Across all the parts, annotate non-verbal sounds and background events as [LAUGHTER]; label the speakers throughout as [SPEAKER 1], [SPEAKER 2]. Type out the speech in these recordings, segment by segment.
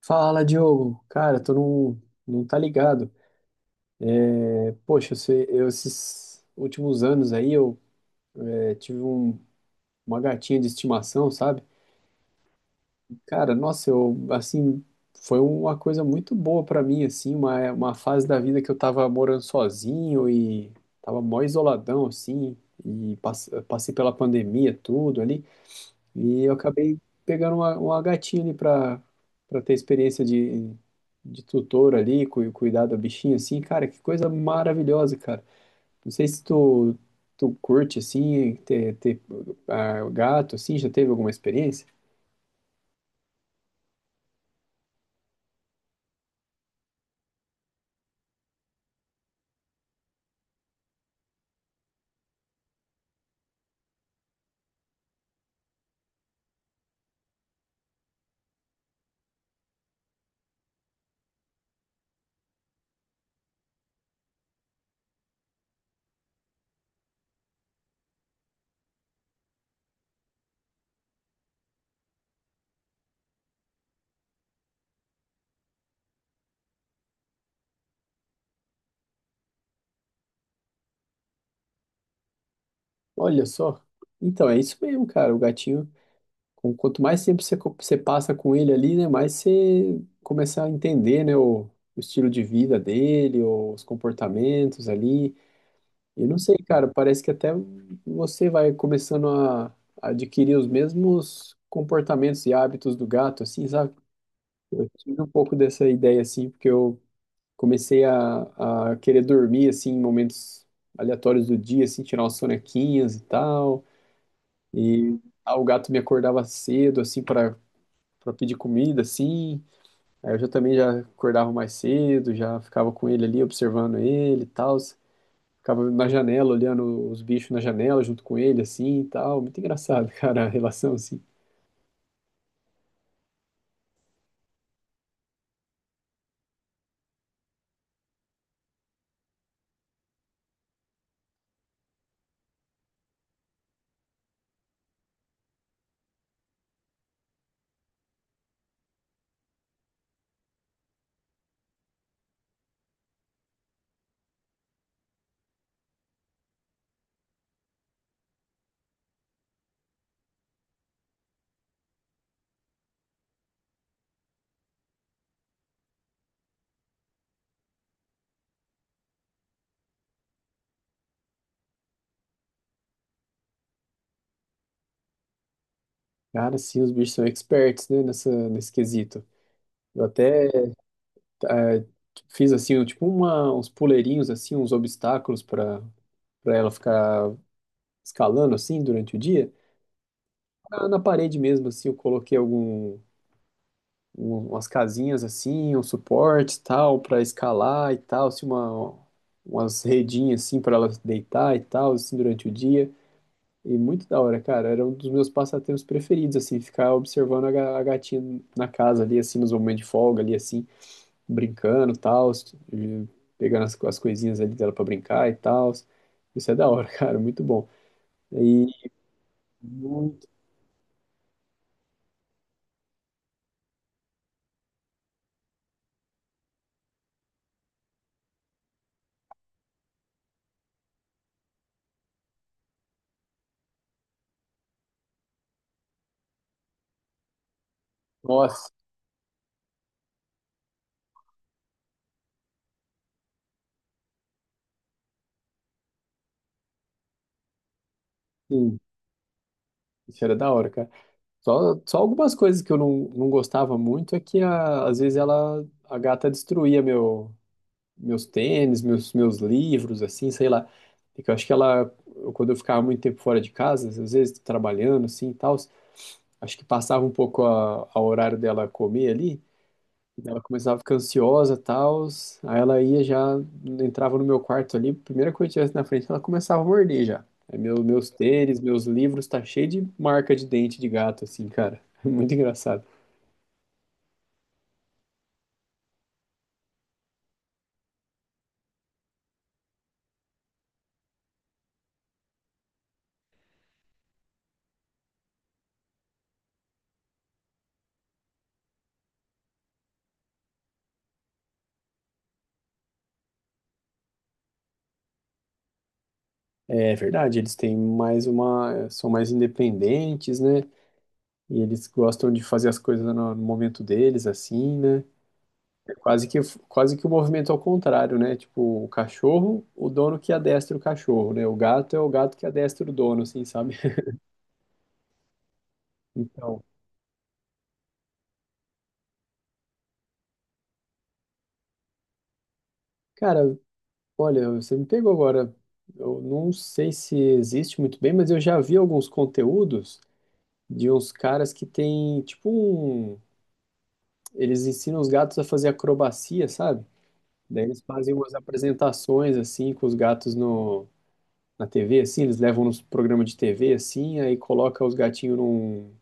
[SPEAKER 1] Fala, Diogo. Cara, tu não tá ligado. Poxa, esses últimos anos aí eu é, tive um- uma gatinha de estimação, sabe? Cara, nossa, eu, assim, foi uma coisa muito boa pra mim, assim, uma fase da vida que eu tava morando sozinho e tava mó isoladão, assim, e passei pela pandemia, tudo ali. E eu acabei pegando uma gatinha ali para ter experiência de tutor ali, cuidar da bichinha assim, cara, que coisa maravilhosa, cara. Não sei se tu, Tu curte assim, ter gato assim, já teve alguma experiência? Olha só. Então, é isso mesmo, cara, o gatinho, quanto mais tempo você passa com ele ali, né, mais você começa a entender, né, o estilo de vida dele, os comportamentos ali. Eu não sei, cara, parece que até você vai começando a adquirir os mesmos comportamentos e hábitos do gato, assim, sabe? Eu tive um pouco dessa ideia, assim, porque eu comecei a querer dormir, assim, em momentos aleatórios do dia, assim, tirar umas sonequinhas e tal, e o gato me acordava cedo, assim, para pedir comida, assim, aí eu já também já acordava mais cedo, já ficava com ele ali, observando ele e tal. Ficava na janela, olhando os bichos na janela junto com ele, assim e tal. Muito engraçado, [LAUGHS] cara, a relação, assim. Cara, sim, os bichos são experts, né, nesse quesito. Eu até eh, fiz, assim, um, tipo uma, uns puleirinhos, assim, uns obstáculos para ela ficar escalando, assim, durante o dia. Na parede mesmo, assim, eu coloquei algum, umas casinhas, assim, um suporte, tal, para escalar e tal, assim, uma, umas redinhas, assim, para ela deitar e tal, assim, durante o dia. E muito da hora, cara. Era um dos meus passatempos preferidos, assim, ficar observando a gatinha na casa ali, assim, nos momentos de folga ali, assim, brincando e tal, e pegando as coisinhas ali dela pra brincar e tal. Isso é da hora, [LAUGHS] cara, muito bom. E muito, nossa, sim, isso era da hora, cara. Só algumas coisas que eu não, não gostava muito é que às vezes ela, a gata destruía meu, meus tênis, meus livros, assim, sei lá. Porque eu acho que quando eu ficava muito tempo fora de casa, às vezes trabalhando, assim, e tal, acho que passava um pouco a horário dela comer ali, e ela começava a ficar ansiosa, tal, aí ela ia já, entrava no meu quarto ali, primeira coisa que tivesse na frente, ela começava a morder já. Aí meu, meus tênis, meus livros, tá cheio de marca de dente de gato, assim, cara. [LAUGHS] Muito engraçado. É verdade, eles têm mais uma, são mais independentes, né? E eles gostam de fazer as coisas no momento deles, assim, né? É quase que o movimento ao contrário, né? Tipo, o cachorro, o dono que adestra o cachorro, né? O gato é o gato que adestra o dono, assim, sabe? [LAUGHS] Então, cara, olha, você me pegou agora. Eu não sei se existe muito bem, mas eu já vi alguns conteúdos de uns caras que tem, tipo, um... Eles ensinam os gatos a fazer acrobacia, sabe? Daí eles fazem umas apresentações, assim, com os gatos no na TV, assim, eles levam nos programas de TV, assim, aí coloca os gatinhos num,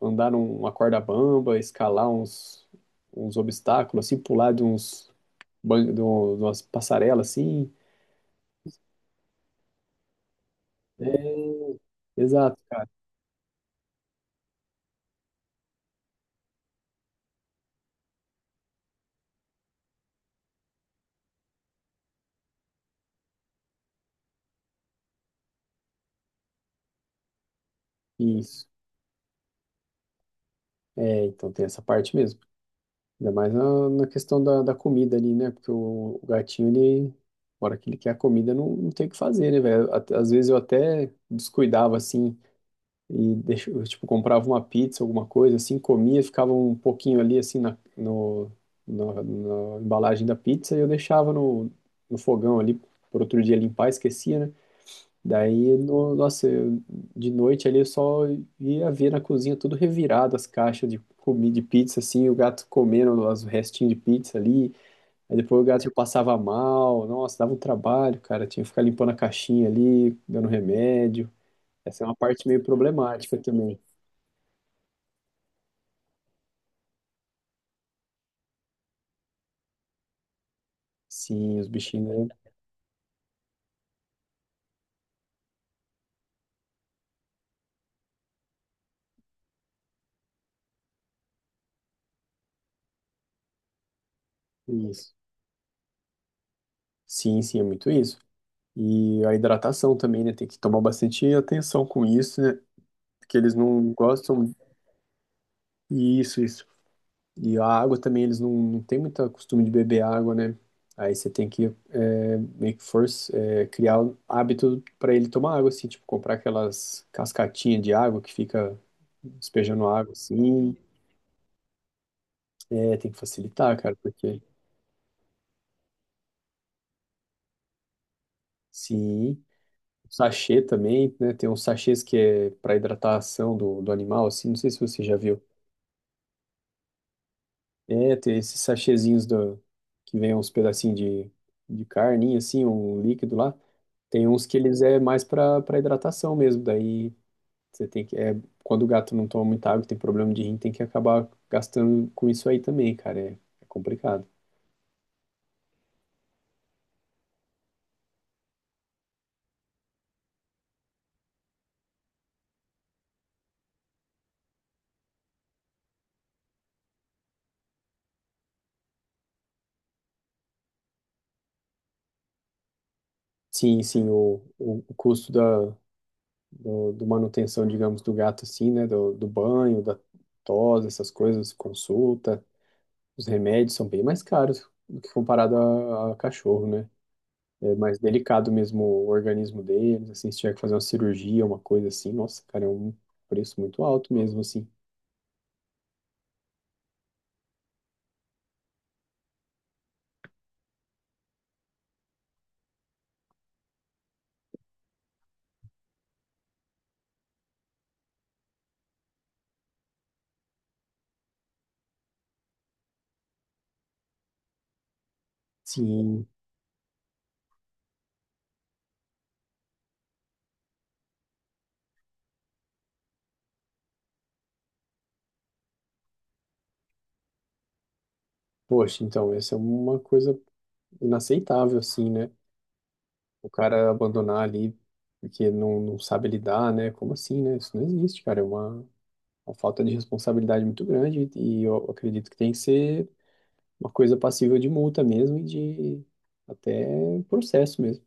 [SPEAKER 1] andar numa corda bamba, escalar uns, uns obstáculos, assim, pular de uns, de umas passarelas, assim. É, exato, cara, isso. É, então tem essa parte mesmo. Ainda mais na, na questão da comida ali, né? Porque o gatinho, ele, na hora que ele quer a comida, não tem o que fazer, né, velho? Às vezes eu até descuidava, assim, e deixa, eu, tipo, comprava uma pizza, alguma coisa, assim, comia, ficava um pouquinho ali, assim, na, no, na, na embalagem da pizza e eu deixava no fogão ali por outro dia limpar, esquecia, né? Daí, no, Nossa, de noite ali eu só ia ver na cozinha tudo revirado, as caixas de comida, de pizza, assim, o gato comendo os restinhos de pizza ali, aí depois o gato já passava mal, nossa, dava um trabalho, cara, tinha que ficar limpando a caixinha ali, dando remédio, essa é uma parte meio problemática também. Sim, os bichinhos, né? Isso. Sim, sim, é muito isso. E a hidratação também, né? Tem que tomar bastante atenção com isso, né? Porque eles não gostam. Isso, isso. E a água também, eles não, não têm muito costume de beber água, né? Aí você tem que meio que force, é, criar um hábito para ele tomar água, assim, tipo, comprar aquelas cascatinhas de água que fica despejando água, assim. É, tem que facilitar, cara, porque sim. Sachê também, né? Tem uns sachês que é para hidratação do animal, assim. Não sei se você já viu. É, tem esses sachêzinhos que vem uns pedacinhos de carninha, assim, um líquido lá. Tem uns que eles é mais para hidratação mesmo. Daí você tem que. É, quando o gato não toma muita água, tem problema de rim, tem que acabar gastando com isso aí também, cara. É, é complicado. Sim, sim, o custo do, do manutenção, digamos, do gato, assim, né? Do banho, da tosa, essas coisas, consulta. Os remédios são bem mais caros do que comparado a cachorro, né? É mais delicado mesmo o organismo deles, assim, se tiver que fazer uma cirurgia, uma coisa assim, nossa, cara, é um preço muito alto mesmo, assim. Sim, poxa, então, essa é uma coisa inaceitável, assim, né? O cara abandonar ali porque não sabe lidar, né? Como assim, né? Isso não existe, cara, é uma falta de responsabilidade muito grande e eu acredito que tem que ser uma coisa passível de multa mesmo e de até processo mesmo.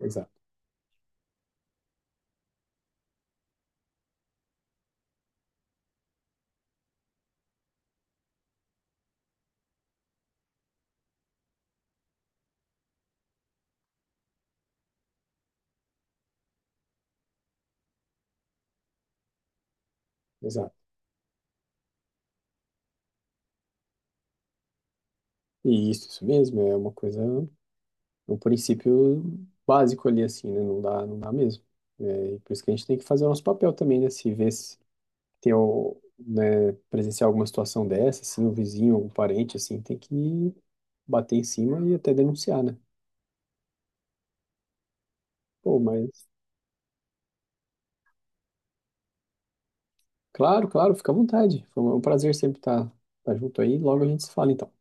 [SPEAKER 1] Exato, exato. E isso mesmo, é uma coisa, um princípio básico ali assim, né? Não dá mesmo. É, e por isso que a gente tem que fazer o nosso papel também, né? Se ver se tem o, né, presenciar alguma situação dessa, assim, o vizinho, algum parente, assim, tem que bater em cima e até denunciar, né? Pô, mas claro, claro, fica à vontade. Foi um prazer sempre estar junto aí. Logo a gente se fala, então.